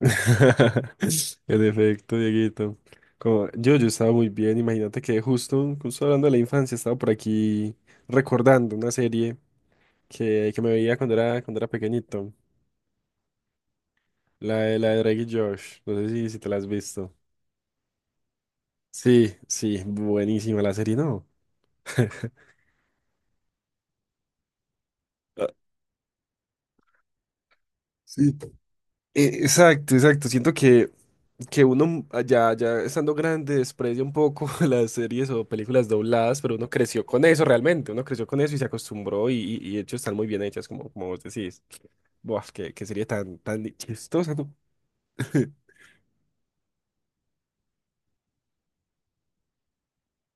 En efecto, Dieguito. Yo estaba muy bien. Imagínate que justo hablando de la infancia, estaba por aquí recordando una serie que me veía cuando era pequeñito. La de Drake y Josh. No sé si te la has visto. Sí, sí, buenísima la serie, ¿no? Ah, sí. Exacto, exacto. Siento que ya, ya estando grande desprecia un poco las series o películas dobladas, pero uno creció con eso realmente, uno creció con eso y se acostumbró y de hecho están muy bien hechas, como, como vos decís. Buah, qué, qué serie tan, tan chistosa, ¿no?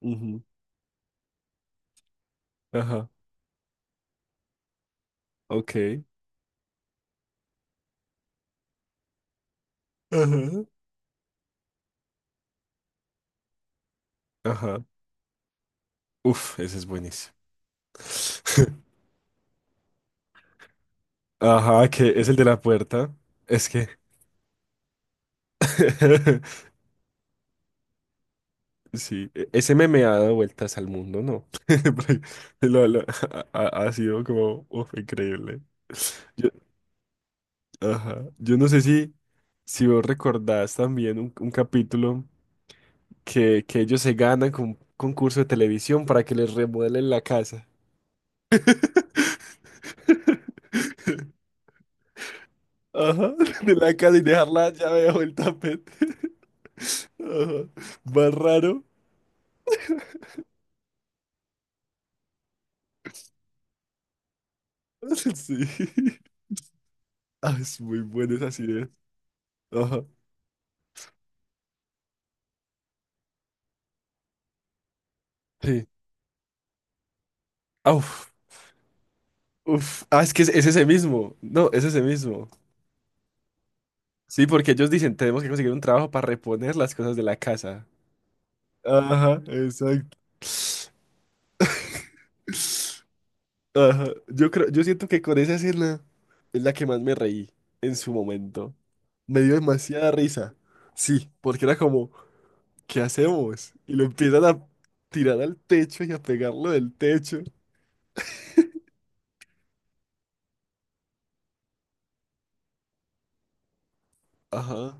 Ujú. Ajá, ok. Ajá. Ajá. Uf, ese es buenísimo. Ajá, que es el de la puerta. Es que. Sí, e- ese meme ha dado vueltas al mundo, ¿no? Porque lo- ha, ha- ha sido como, uf, increíble. Yo, ajá. Yo no sé si vos recordás también un capítulo que ellos se ganan con un concurso de televisión para que les remodelen la casa. Ajá, de la casa y dejar la llave bajo el tapete. Ajá. Más raro. Sí. Ah, es muy bueno esa idea. Ajá. Sí. Auf. Uf, ah, es que es ese mismo. No, es ese mismo. Sí, porque ellos dicen, tenemos que conseguir un trabajo para reponer las cosas de la casa. Ajá, exacto. Ajá. Yo creo, yo siento que con esa escena es la que más me reí en su momento. Me dio demasiada risa. Sí, porque era como, ¿qué hacemos? Y lo empiezan a tirar al techo y a pegarlo del techo. Ajá.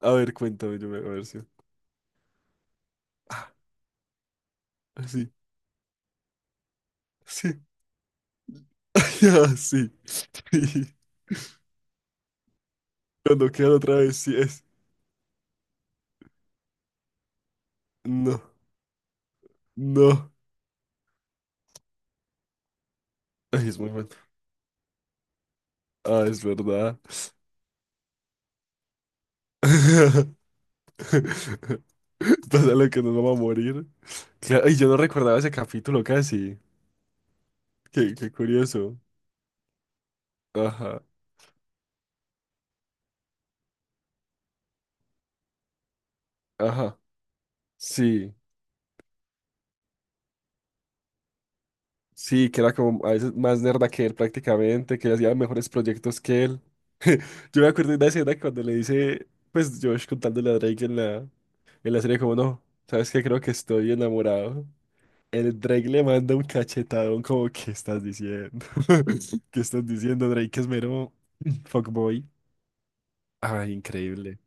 A ver, cuéntame, yo me a ver si. Ah, sí. Sí. Ah, sí. Sí. Lo noquean otra vez, sí es. No, no. Ay, es muy bueno. Ah, es verdad. Pasa lo que nos vamos a morir. Claro, y yo no recordaba ese capítulo casi. Qué, qué curioso. Ajá, ajá. Sí, sí, que era como a veces más nerda que él prácticamente, que hacía mejores proyectos que él. Yo me acuerdo de una escena cuando le dice, pues Josh contándole a Drake en en la serie como no, sabes que creo que estoy enamorado. El Drake le manda un cachetadón como, ¿qué estás diciendo? ¿Qué estás diciendo? Drake es mero fuckboy. Ah, increíble.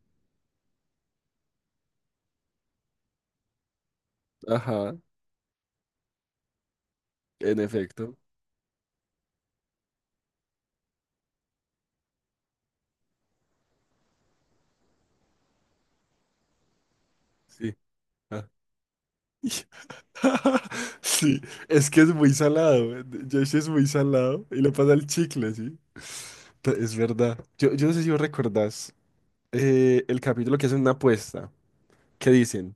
Ajá, en efecto. Sí. Ah. Sí, es que es muy salado. Josh es muy salado y le pasa el chicle, sí. Pe- Es verdad. Yo no sé si vos recordás el capítulo que hacen una apuesta. Que dicen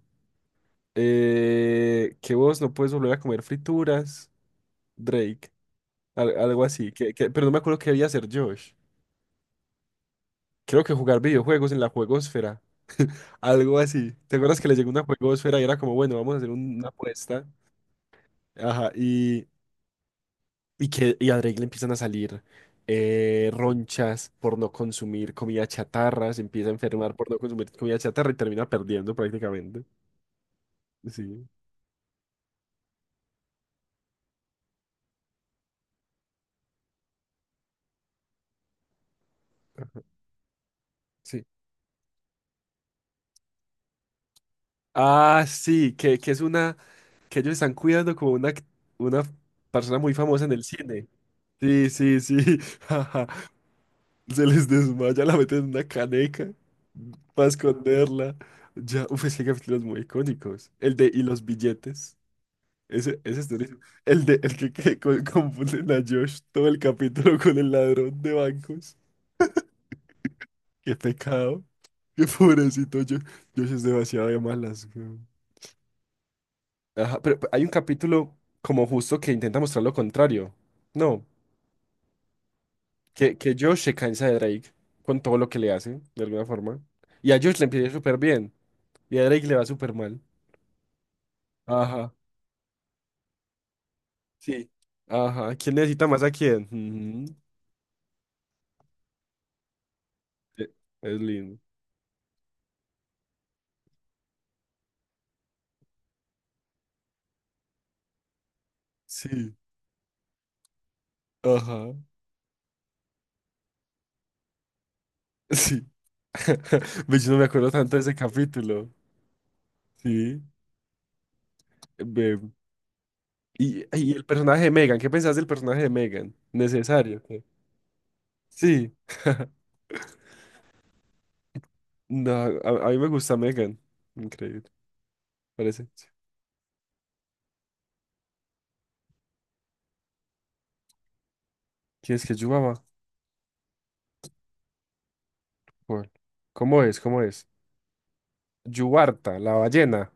que vos no puedes volver a comer frituras, Drake. Al- algo así, que- pero no me acuerdo qué debía hacer Josh. Creo que jugar videojuegos en la juegosfera. Algo así. ¿Te acuerdas que le llegó una juegosfera y era como, bueno, vamos a hacer un- una apuesta? Ajá, y que a Drake le empiezan a salir ronchas por no consumir comida chatarra, se empieza a enfermar por no consumir comida chatarra y termina perdiendo prácticamente. Sí. Ajá, sí. Ah, sí, que es una, que ellos están cuidando como una, act- una persona muy famosa en el cine. Sí, sí, sí. Se les desmaya, la meten en una caneca para esconderla. Ya, uf, es que hay capítulos muy icónicos. El de y los billetes. Ese es durísimo. El de el que co- confunden a Josh todo el capítulo con el ladrón de bancos. Qué pecado. Qué pobrecito Josh. Josh es demasiado de malas, weón. Ajá, pero hay un capítulo como justo que intenta mostrar lo contrario. No, que Josh se cansa de Drake con todo lo que le hace, de alguna forma. Y a Josh le empieza súper bien. Y a Drake le va súper mal. Ajá, sí. Ajá. ¿Quién necesita más a quién? Ujú. Eh, Es lindo. Sí, ajá. Sí. Ve, yo no me acuerdo tanto de ese capítulo. Sí. Ve, y el personaje de Megan, ¿qué pensás del personaje de Megan? ¿Necesario? ¿Qué? Sí, no, a mí me gusta Megan. Increíble, parece. ¿Quién es que es Yubaba? ¿Cuál? ¿Cómo es? ¿Cómo es? Yubarta, la ballena.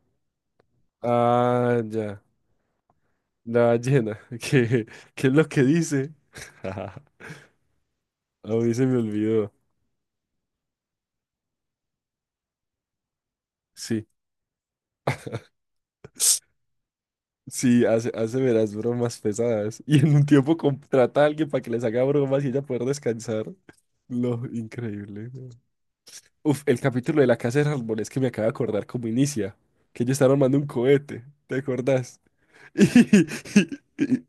Ah, ya. La ballena, que es lo que dice. A mí se me olvidó. Sí. Sí, hace, hace de las bromas pesadas. Y en un tiempo contrata a alguien para que les haga bromas y ella poder descansar. Lo increíble. ¿No? Uf, el capítulo de la casa de árboles que me acabo de acordar cómo inicia. Que ellos están armando un cohete. ¿Te acordás? Y- y-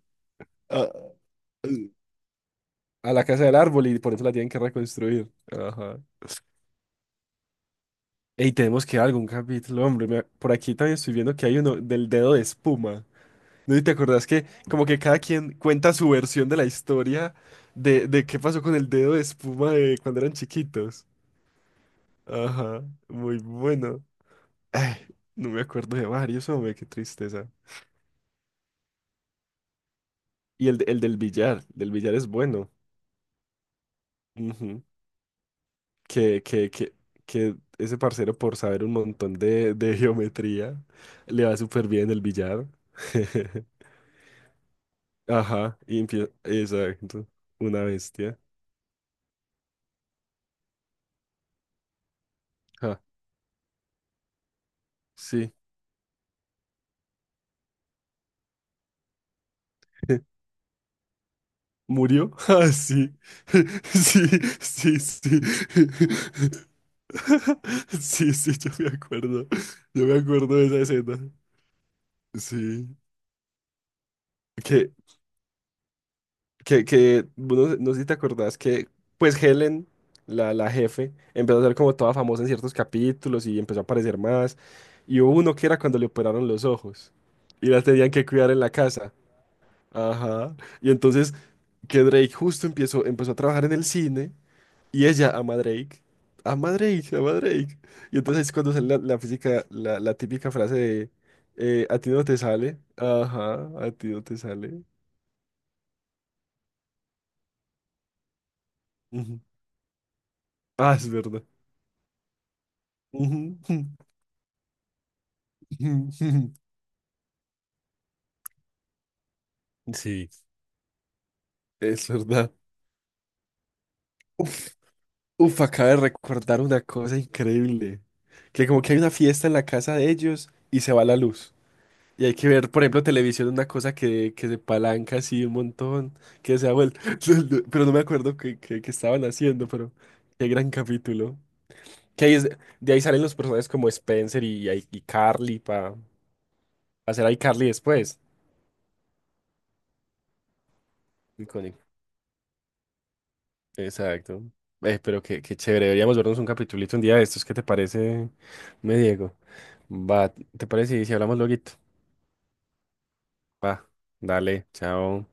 a, a la casa del árbol y por eso la tienen que reconstruir. Ajá. Ey, tenemos que algún capítulo, hombre. Me- por aquí también estoy viendo que hay uno del dedo de espuma. ¿No? ¿Y te acordás que como que cada quien cuenta su versión de la historia de qué pasó con el dedo de espuma de cuando eran chiquitos? Ajá, muy bueno. Ay, no me acuerdo de varios, hombre, qué tristeza. Y el, de- el del billar es bueno. Ujú. Que, que, que, que ese parcero por saber un montón de geometría le va súper bien el billar. Ajá, y empieza, exacto, una bestia. Ajá, sí. ¿Murió? Ah, sí. Sí, sí, sí. Sí, sí, yo me acuerdo. Yo me acuerdo de esa escena. Sí. Que, bueno, no sé si te acordás que, pues Helen, la jefe, empezó a ser como toda famosa en ciertos capítulos y empezó a aparecer más. Y hubo uno que era cuando le operaron los ojos y la tenían que cuidar en la casa. Ajá. Y entonces que Drake justo empezó, empezó a trabajar en el cine y ella ama a Drake. Ama a Drake, ama a Drake. Y entonces es cuando sale la, la física, la típica frase de a ti no te sale. Ajá, a ti no te sale. Ujú. Ah, es verdad. Ujú. Sí. Es verdad. Uf, uf, acabo de recordar una cosa increíble. Que como que hay una fiesta en la casa de ellos y se va la luz. Y hay que ver, por ejemplo, televisión, una cosa que se palanca así un montón, que se ha vuelto, no, no, pero no me acuerdo qué qué- qué estaban haciendo, pero qué gran capítulo. Que ahí es- de ahí salen los personajes como Spencer y Carly para hacer a Carly después. Icónico. Exacto. Pero qué, qué chévere, deberíamos vernos un capitulito un día de estos, ¿qué te parece, me Diego? Va, ¿te parece? Si hablamos luego. Va, dale, chao.